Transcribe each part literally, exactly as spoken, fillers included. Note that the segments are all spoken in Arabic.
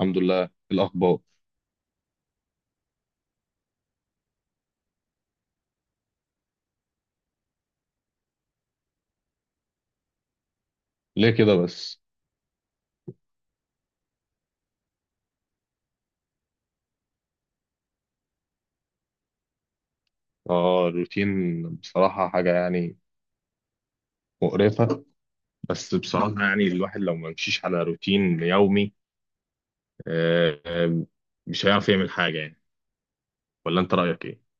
الحمد لله. الأخبار؟ ليه كده بس؟ اه، الروتين بصراحة حاجة يعني مقرفة. بس بصراحة يعني الواحد لو ما مشيش على روتين يومي آه، آه، مش هيعرف يعمل حاجة يعني. ولا أنت رأيك إيه؟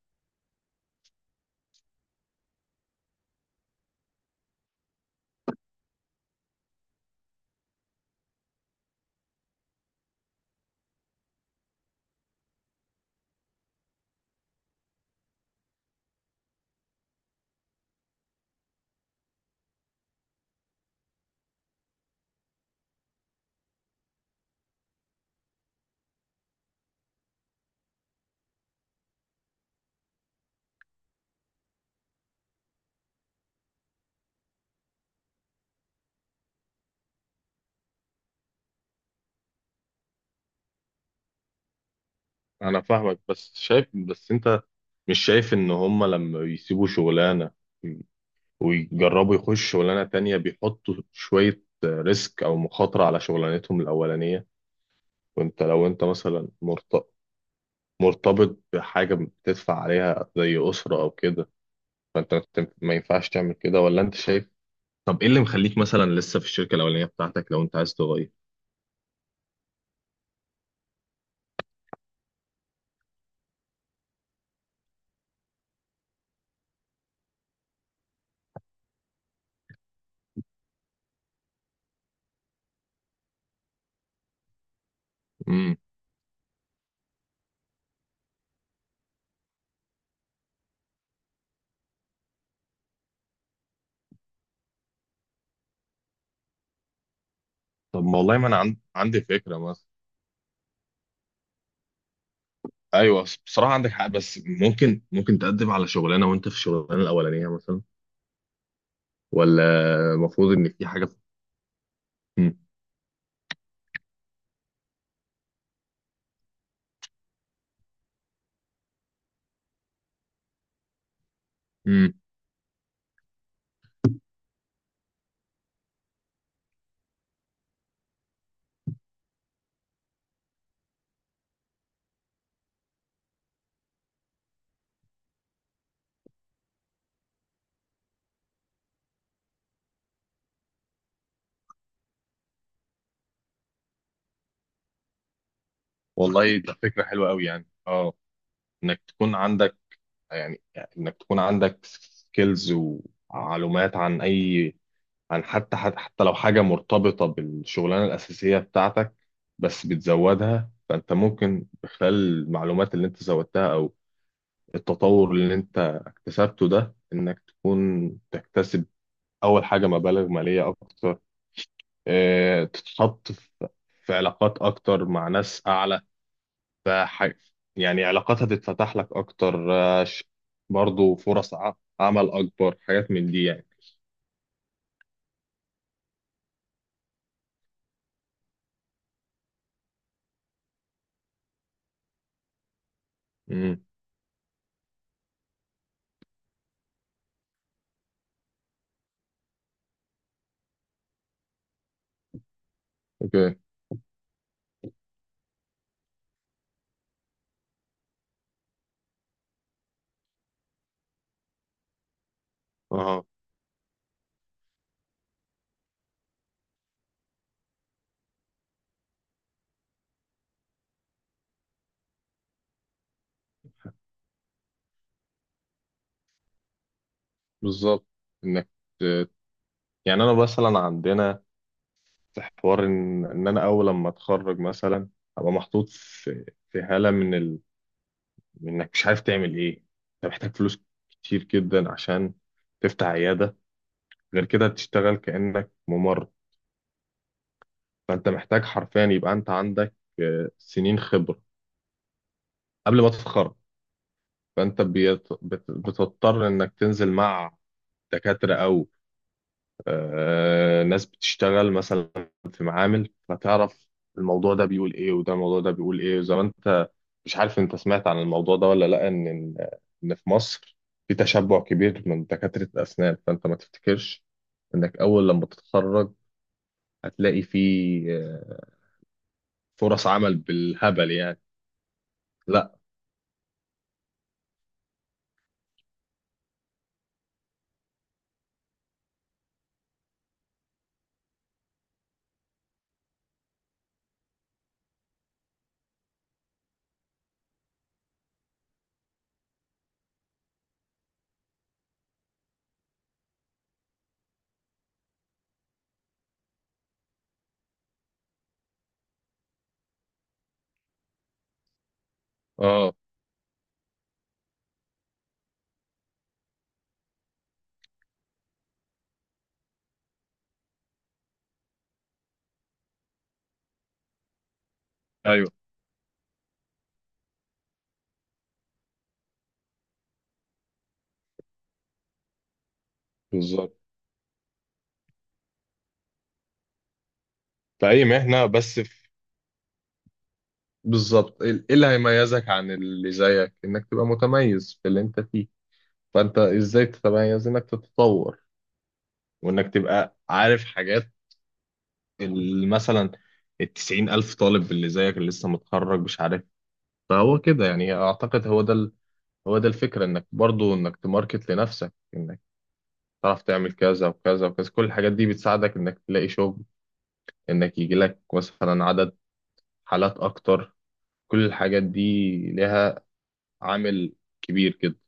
أنا فاهمك، بس شايف، بس أنت مش شايف إن هما لما بيسيبوا شغلانة ويجربوا يخشوا شغلانة تانية بيحطوا شوية ريسك أو مخاطرة على شغلانتهم الأولانية، وأنت لو أنت مثلا مرتبط بحاجة بتدفع عليها زي أسرة أو كده، فأنت مت- ما ينفعش تعمل كده، ولا أنت شايف؟ طب إيه اللي مخليك مثلا لسه في الشركة الأولانية بتاعتك لو أنت عايز تغير؟ امم. طب ما والله، ما أنا عن... عندي فكرة مثلا. أيوه، بس- بصراحة عندك حق، بس ممكن ممكن تقدم على شغلانة وأنت في الشغلانة الأولانية مثلا، ولا؟ المفروض إن في حاجة في... امم. امم. والله، ده فكرة حلوة أوي يعني. أه إنك تكون عندك يعني إنك تكون عندك سكيلز ومعلومات عن أي عن حتى حتى لو حاجة مرتبطة بالشغلانة الأساسية بتاعتك، بس بتزودها، فأنت ممكن بخلال المعلومات اللي أنت زودتها أو التطور اللي أنت اكتسبته ده، إنك تكون تكتسب أول حاجة مبالغ مالية أكتر، اه تتحط في علاقات أكتر مع ناس أعلى، فح- يعني علاقات هتتفتح لك أكتر، آه، ش- برضو فرص ع- عمل، أكبر حاجات من دي يعني. امم. اوكي. اه، بالظبط. إنك يعني انا مثلا عندنا، في حوار ان ان انا اول لما اتخرج مثلا ابقى محطوط في في حاله من ال... من انك مش عارف تعمل ايه. انت محتاج فلوس كتير جدا عشان تفتح عياده، غير كده تشتغل كانك ممرض. فانت محتاج حرفيا يبقى انت عندك آه، سنين خبره قبل ما تتخرج. فانت بيت... بت... بتضطر انك تنزل مع دكاتره، آه، ناس بتشتغل مثلا في معامل، فتعرف الموضوع ده بيقول ايه، وده الموضوع ده بيقول ايه. وزي ما انت مش عارف، انت سمعت عن الموضوع ده ولا لا، ان ان إن في مصر في تشبع كبير من دكاترة الأسنان، فأنت ما تفتكرش إنك أول لما تتخرج هتلاقي في آه، فرص عمل بالهبل يعني. لا. اه. ايوه، بالظبط. فأي مهنة بس في. بالظبط، ايه إيه اللي هيميزك عن اللي زيك، إنك تبقى متميز في اللي أنت فيه، فانت ازاي تتميز، انك تتطور وانك تبقى عارف حاجات اللي مثلا التسعين الف طالب اللي زيك اللي لسه متخرج مش عارف. فهو كده يعني، اعتقد هو ده ال... هو ده الفكرة، انك برضو انك تماركت لنفسك، انك تعرف تعمل كذا وكذا وكذا، كل الحاجات دي بتساعدك انك تلاقي شغل، انك يجي لك مثلا عدد حالات اكتر، كل الحاجات دي لها عامل كبير كده.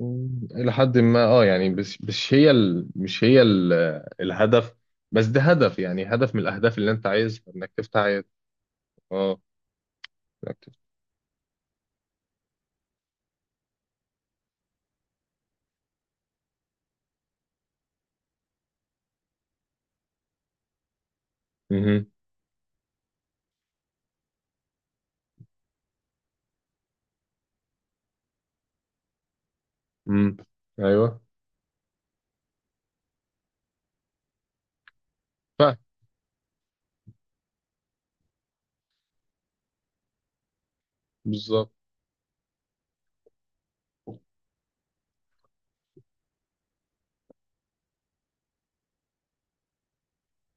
مم، إلى حد ما، اه يعني، بس مش هي ال... مش هي ال... الهدف. بس ده هدف، يعني هدف من الأهداف اللي أنت عايز، إنك تفتح عيادة. اه، إنك تفتح. مهم. مم. أيوه، فاهم. بالظبط.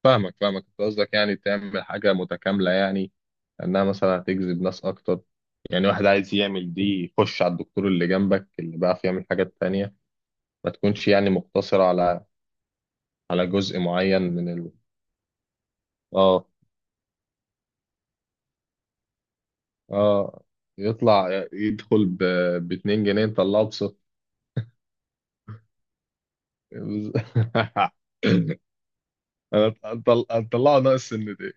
فاهمك فاهمك، أنت قصدك يعني تعمل حاجة متكاملة يعني، إنها مثلا هتجذب ناس أكتر، يعني واحد عايز يعمل دي يخش على الدكتور اللي جنبك اللي بيعرف يعمل حاجات تانية، ما تكونش يعني مقتصرة على على جزء معين من ال... اه. اه، يطلع يدخل ب... باتنين جنيه نطلعه بصفر. انا أطل- اطلعه ناقص سنتين.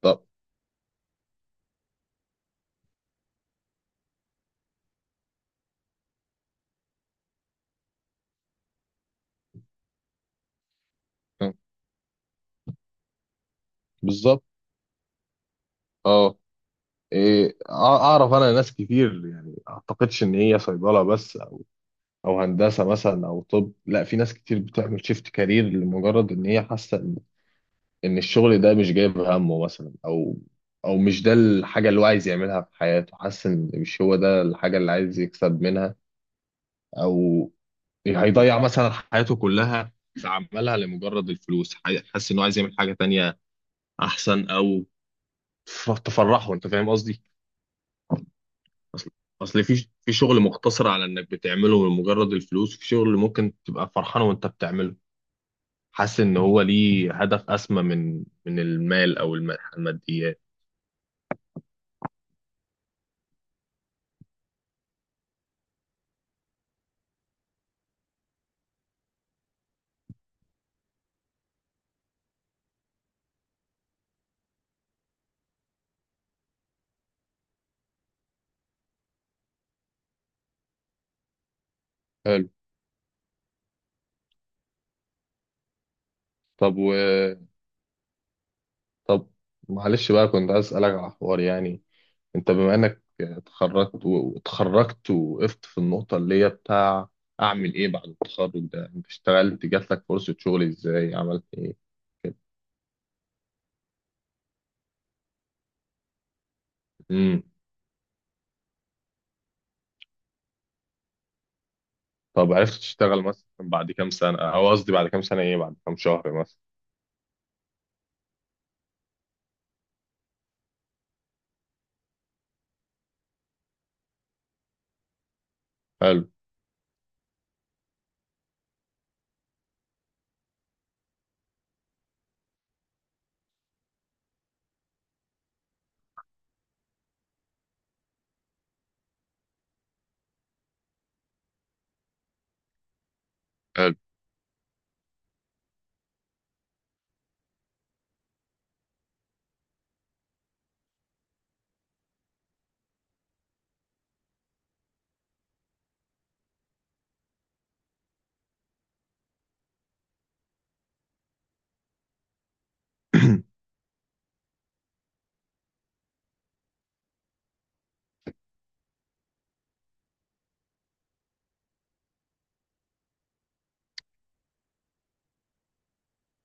طب. بالظبط. اه، إيه، أع- اعرف انا ناس كتير، يعني اعتقدش ان هي صيدله بس، او أو هندسه مثلا او طب. لا، في ناس كتير بتعمل شيفت كارير لمجرد ان هي حاسه ان إن الشغل ده مش جايب همه مثلا، او او مش ده الحاجه اللي هو عايز يعملها في حياته، حاسس ان مش هو ده الحاجه اللي عايز يكسب منها، او هيضيع مثلا حياته كلها في عملها لمجرد الفلوس، حي- حاسس انه عايز يعمل حاجه تانية احسن، او ف- تفرحه، انت فاهم قصدي؟ اصل اصل، في في شغل مقتصر على انك بتعمله لمجرد الفلوس، في شغل ممكن تبقى فرحان وانت بتعمله، حاسس ان هو ليه هدف اسمى من من المال او الم- الماديات. حلو. طب و طب، معلش بقى، كنت عايز اسالك على حوار يعني، انت بما انك اتخرجت واتخرجت وقفت في النقطة اللي هي بتاع، اعمل ايه بعد التخرج ده، انت اشتغلت، جات لك فرصة شغل، ازاي عملت ايه كده؟ امم. طب عرفت تشتغل مثلا بعد كام سنة، او قصدي بعد كام سنة ايه، بعد كام شهر مثلا؟ حلو. حلو.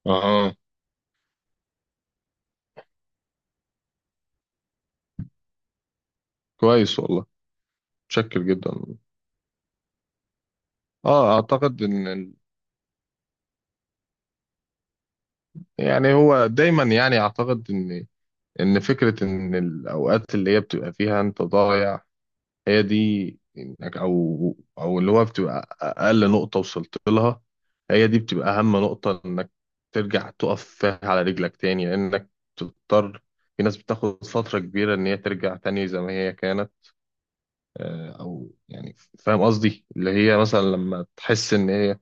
اها. كويس والله. متشكر جدا. اه، اعتقد ان ال- يعني هو دايما، يعني اعتقد ان ان فكرة ان الاوقات اللي هي بتبقى فيها انت ضايع، هي دي، إنك- او او اللي هو بتبقى اقل نقطة وصلت لها، هي دي بتبقى اهم نقطة، انك ترجع تقف فيها على رجلك تاني، لانك تضطر، في ناس بتاخد فترة كبيرة ان هي ترجع تاني زي ما هي كانت، آه، او يعني فاهم قصدي، اللي هي مثلا لما تحس ان هي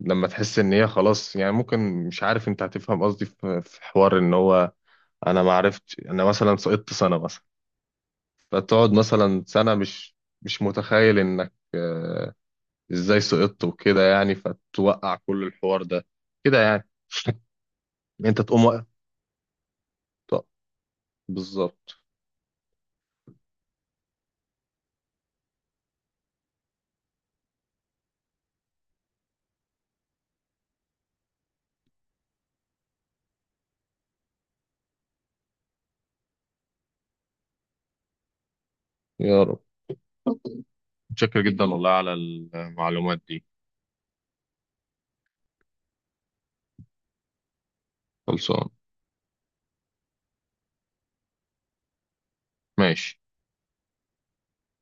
لما تحس ان هي خلاص يعني، ممكن، مش عارف انت هتفهم قصدي، في في حوار ان هو انا ما عرفت، انا مثلا سقطت سنة مثلا، فتقعد مثلا سنة مش مش متخيل انك ازاي سقطت وكده يعني، فتوقع كل الحوار ده كده يعني، انت تقوم واقف. طب. بالظبط. يا رب. متشكر جدا والله على المعلومات دي. خلصان. ماشي.